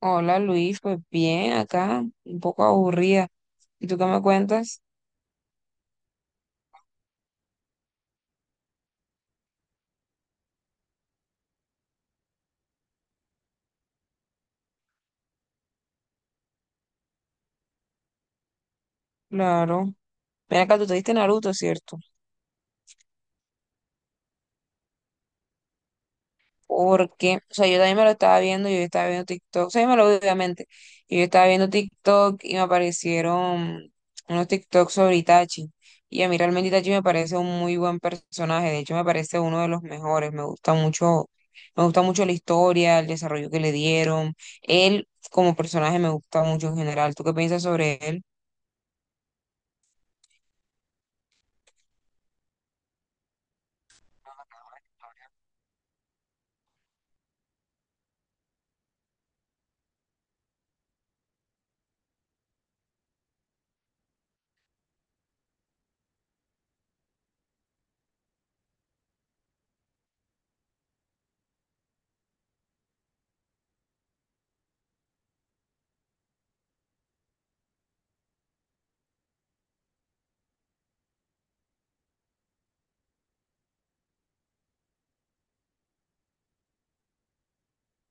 Hola Luis, pues bien, acá, un poco aburrida. ¿Y tú qué me cuentas? Claro. Mira acá, tú te diste Naruto, ¿cierto? Porque, o sea, yo también me lo estaba viendo, yo estaba viendo TikTok, o sea, yo me lo vi obviamente, y yo estaba viendo TikTok y me aparecieron unos TikToks sobre Itachi. Y a mí realmente Itachi me parece un muy buen personaje, de hecho me parece uno de los mejores, me gusta mucho la historia, el desarrollo que le dieron. Él como personaje me gusta mucho en general. ¿Tú qué piensas sobre él?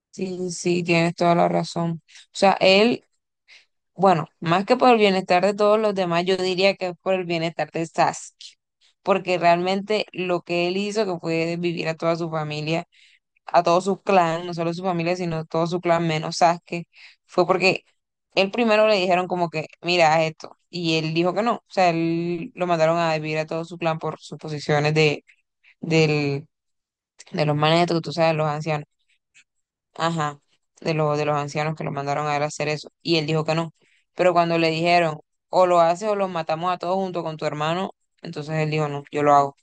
Sí, sí, tienes toda la razón. O sea, él, bueno, más que por el bienestar de todos los demás, yo diría que es por el bienestar de Sasuke, porque realmente lo que él hizo, que fue vivir a toda su familia, a todo su clan, no solo su familia, sino todo su clan menos Sasuke, fue porque él primero le dijeron como que, mira, haz esto, y él dijo que no, o sea, él lo mandaron a vivir a todo su clan por sus posiciones de, del, de los manes, estos que tú sabes, los ancianos. Ajá, de, de los ancianos que lo mandaron a él a hacer eso. Y él dijo que no. Pero cuando le dijeron, o lo haces o los matamos a todos junto con tu hermano, entonces él dijo, no, yo lo hago.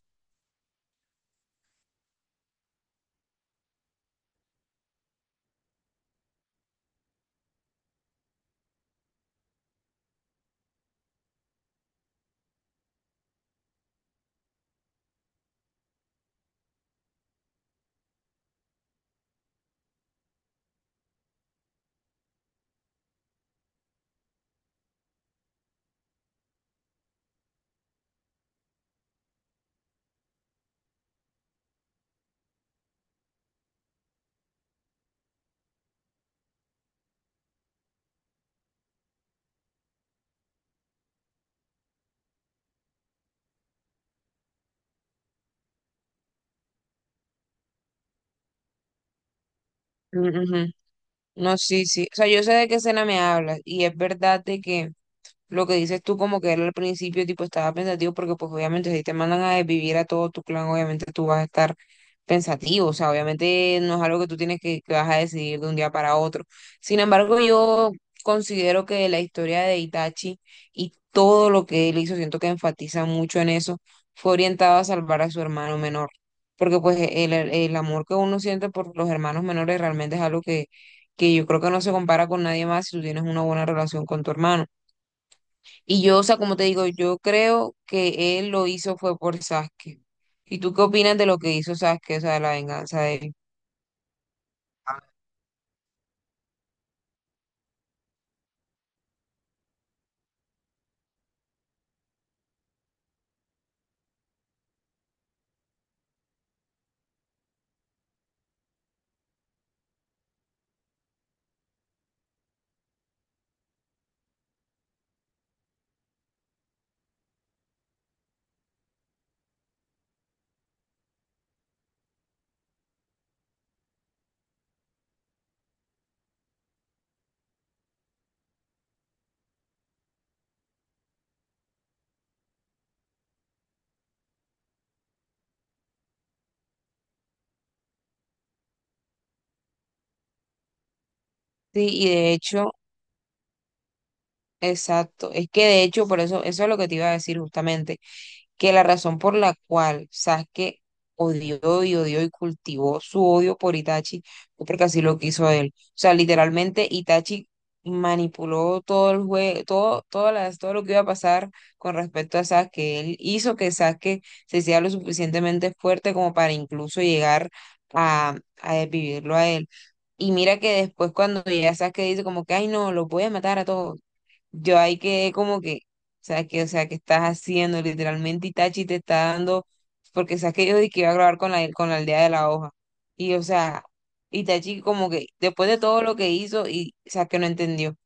Mm, ujú. No, sí, sí. O sea, yo sé de qué escena me hablas y es verdad de que lo que dices tú, como que él al principio, tipo, estaba pensativo, porque pues obviamente si te mandan a desvivir a todo tu clan, obviamente tú vas a estar pensativo, o sea, obviamente no es algo que tú tienes que vas a decidir de un día para otro. Sin embargo, yo considero que la historia de Itachi y todo lo que él hizo, siento que enfatiza mucho en eso, fue orientado a salvar a su hermano menor, porque pues el, el amor que uno siente por los hermanos menores realmente es algo que yo creo que no se compara con nadie más si tú tienes una buena relación con tu hermano. Y yo, o sea, como te digo, yo creo que él lo hizo fue por Sasuke. ¿Y tú qué opinas de lo que hizo Sasuke, o sea, de la venganza de él? Sí, y de hecho, exacto, es que de hecho, por eso, eso es lo que te iba a decir justamente, que la razón por la cual Sasuke odió y odió y cultivó su odio por Itachi fue porque así lo quiso él. O sea, literalmente Itachi manipuló todo el juego, todo, todas las, todo lo que iba a pasar con respecto a Sasuke. Él hizo que Sasuke se hiciera lo suficientemente fuerte como para incluso llegar a, a desvivirlo a él. Y mira que después cuando llega Sasuke dice como que, ay no, los voy a matar a todos. Yo ahí quedé como que, o sea, que, o sea, que estás haciendo, literalmente Itachi te está dando, porque sabes que yo dije que iba a grabar con la aldea de la hoja. Y o sea, Itachi como que después de todo lo que hizo y o sea, que no entendió.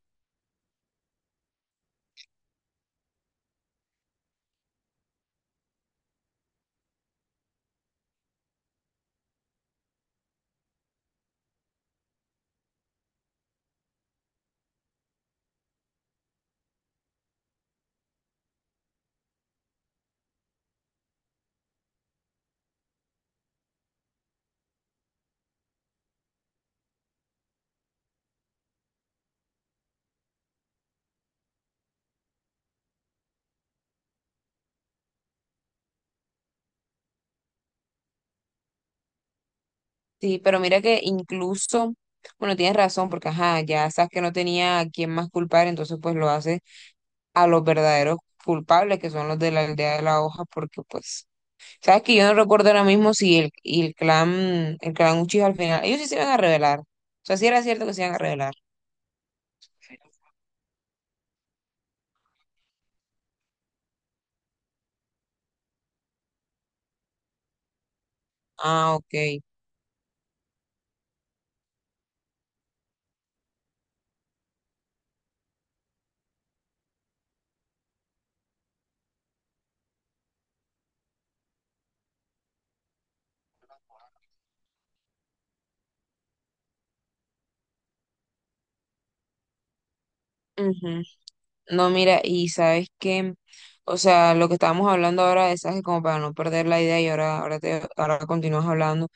Sí, pero mira que incluso, bueno, tienes razón, porque ajá, ya sabes que no tenía a quién más culpar, entonces pues lo hace a los verdaderos culpables, que son los de la aldea de la hoja, porque pues sabes que yo no recuerdo ahora mismo si el, y el clan Uchiha al final, ellos sí se iban a revelar. O sea, sí era cierto que se iban a revelar. Ah, ok. Ujú. No, mira, y sabes que, o sea, lo que estábamos hablando ahora de Sasuke, como para no perder la idea y ahora, ahora te, ahora continúas hablando.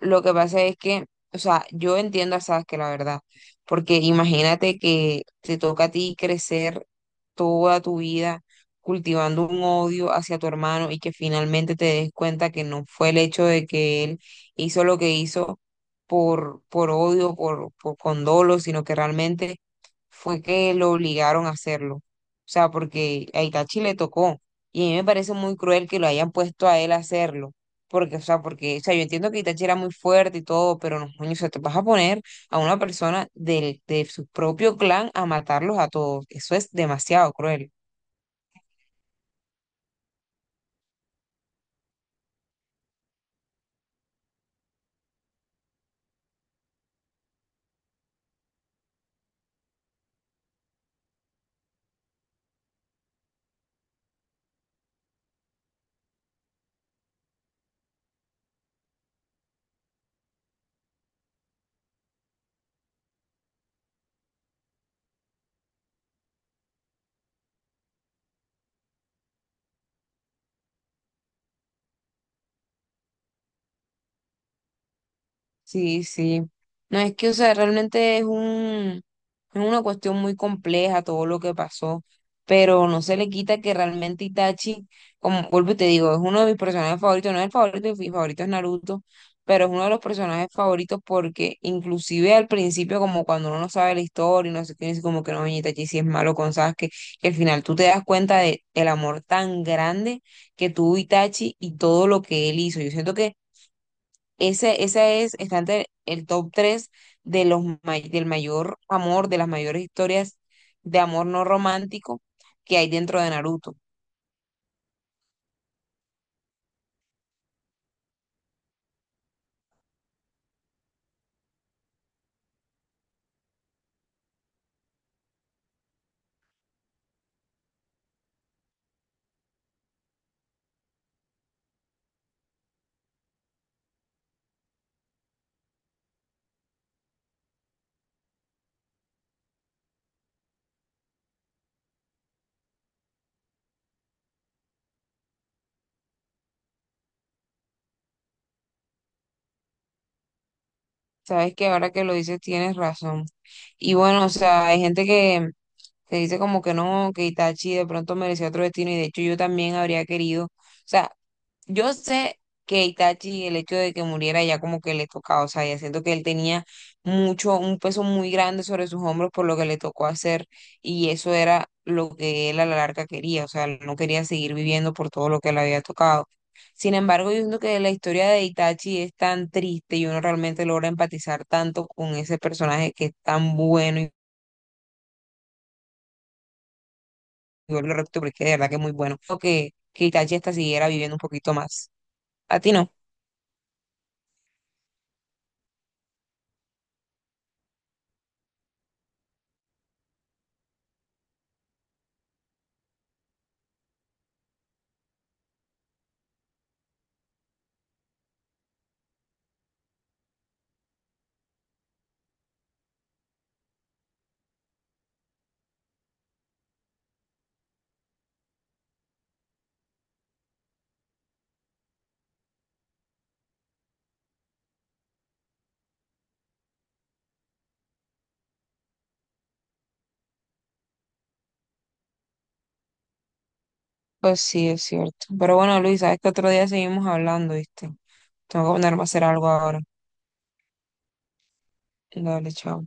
Lo que pasa es que, o sea, yo entiendo a Sasuke, la verdad, porque imagínate que te toca a ti crecer toda tu vida cultivando un odio hacia tu hermano y que finalmente te des cuenta que no fue el hecho de que él hizo lo que hizo por odio, por condolo, sino que realmente fue que lo obligaron a hacerlo. O sea, porque a Itachi le tocó, y a mí me parece muy cruel que lo hayan puesto a él a hacerlo porque, o sea, yo entiendo que Itachi era muy fuerte y todo, pero no, coño, o sea, te vas a poner a una persona del, de su propio clan a matarlos a todos. Eso es demasiado cruel. Sí, sí. No, es que, o sea, realmente es un, es una cuestión muy compleja todo lo que pasó, pero no se le quita que realmente Itachi, como vuelvo y te digo, es uno de mis personajes favoritos, no es el favorito, mi favorito es Naruto, pero es uno de los personajes favoritos porque inclusive al principio, como cuando uno no sabe la historia y no sé qué, es como que no, oye, Itachi si es malo con Sasuke, que al final tú te das cuenta de el amor tan grande que tuvo Itachi y todo lo que él hizo. Yo siento que ese es, está entre el top 3 de los, del mayor amor, de las mayores historias de amor no romántico que hay dentro de Naruto. Sabes que ahora que lo dices tienes razón. Y bueno, o sea, hay gente que dice como que no, que Itachi de pronto merecía otro destino y de hecho yo también habría querido. O sea, yo sé que Itachi, el hecho de que muriera ya como que le tocaba, o sea, ya siento que él tenía mucho, un peso muy grande sobre sus hombros por lo que le tocó hacer y eso era lo que él a la larga quería, o sea, él no quería seguir viviendo por todo lo que le había tocado. Sin embargo, yo siento que la historia de Itachi es tan triste y uno realmente logra empatizar tanto con ese personaje que es tan bueno y yo lo repito porque de verdad que es muy bueno. Creo que Itachi hasta siguiera viviendo un poquito más. ¿A ti no? Pues sí, es cierto. Pero bueno, Luis, sabes que otro día seguimos hablando, ¿viste? Tengo que ponerme a hacer algo ahora. Dale, chao.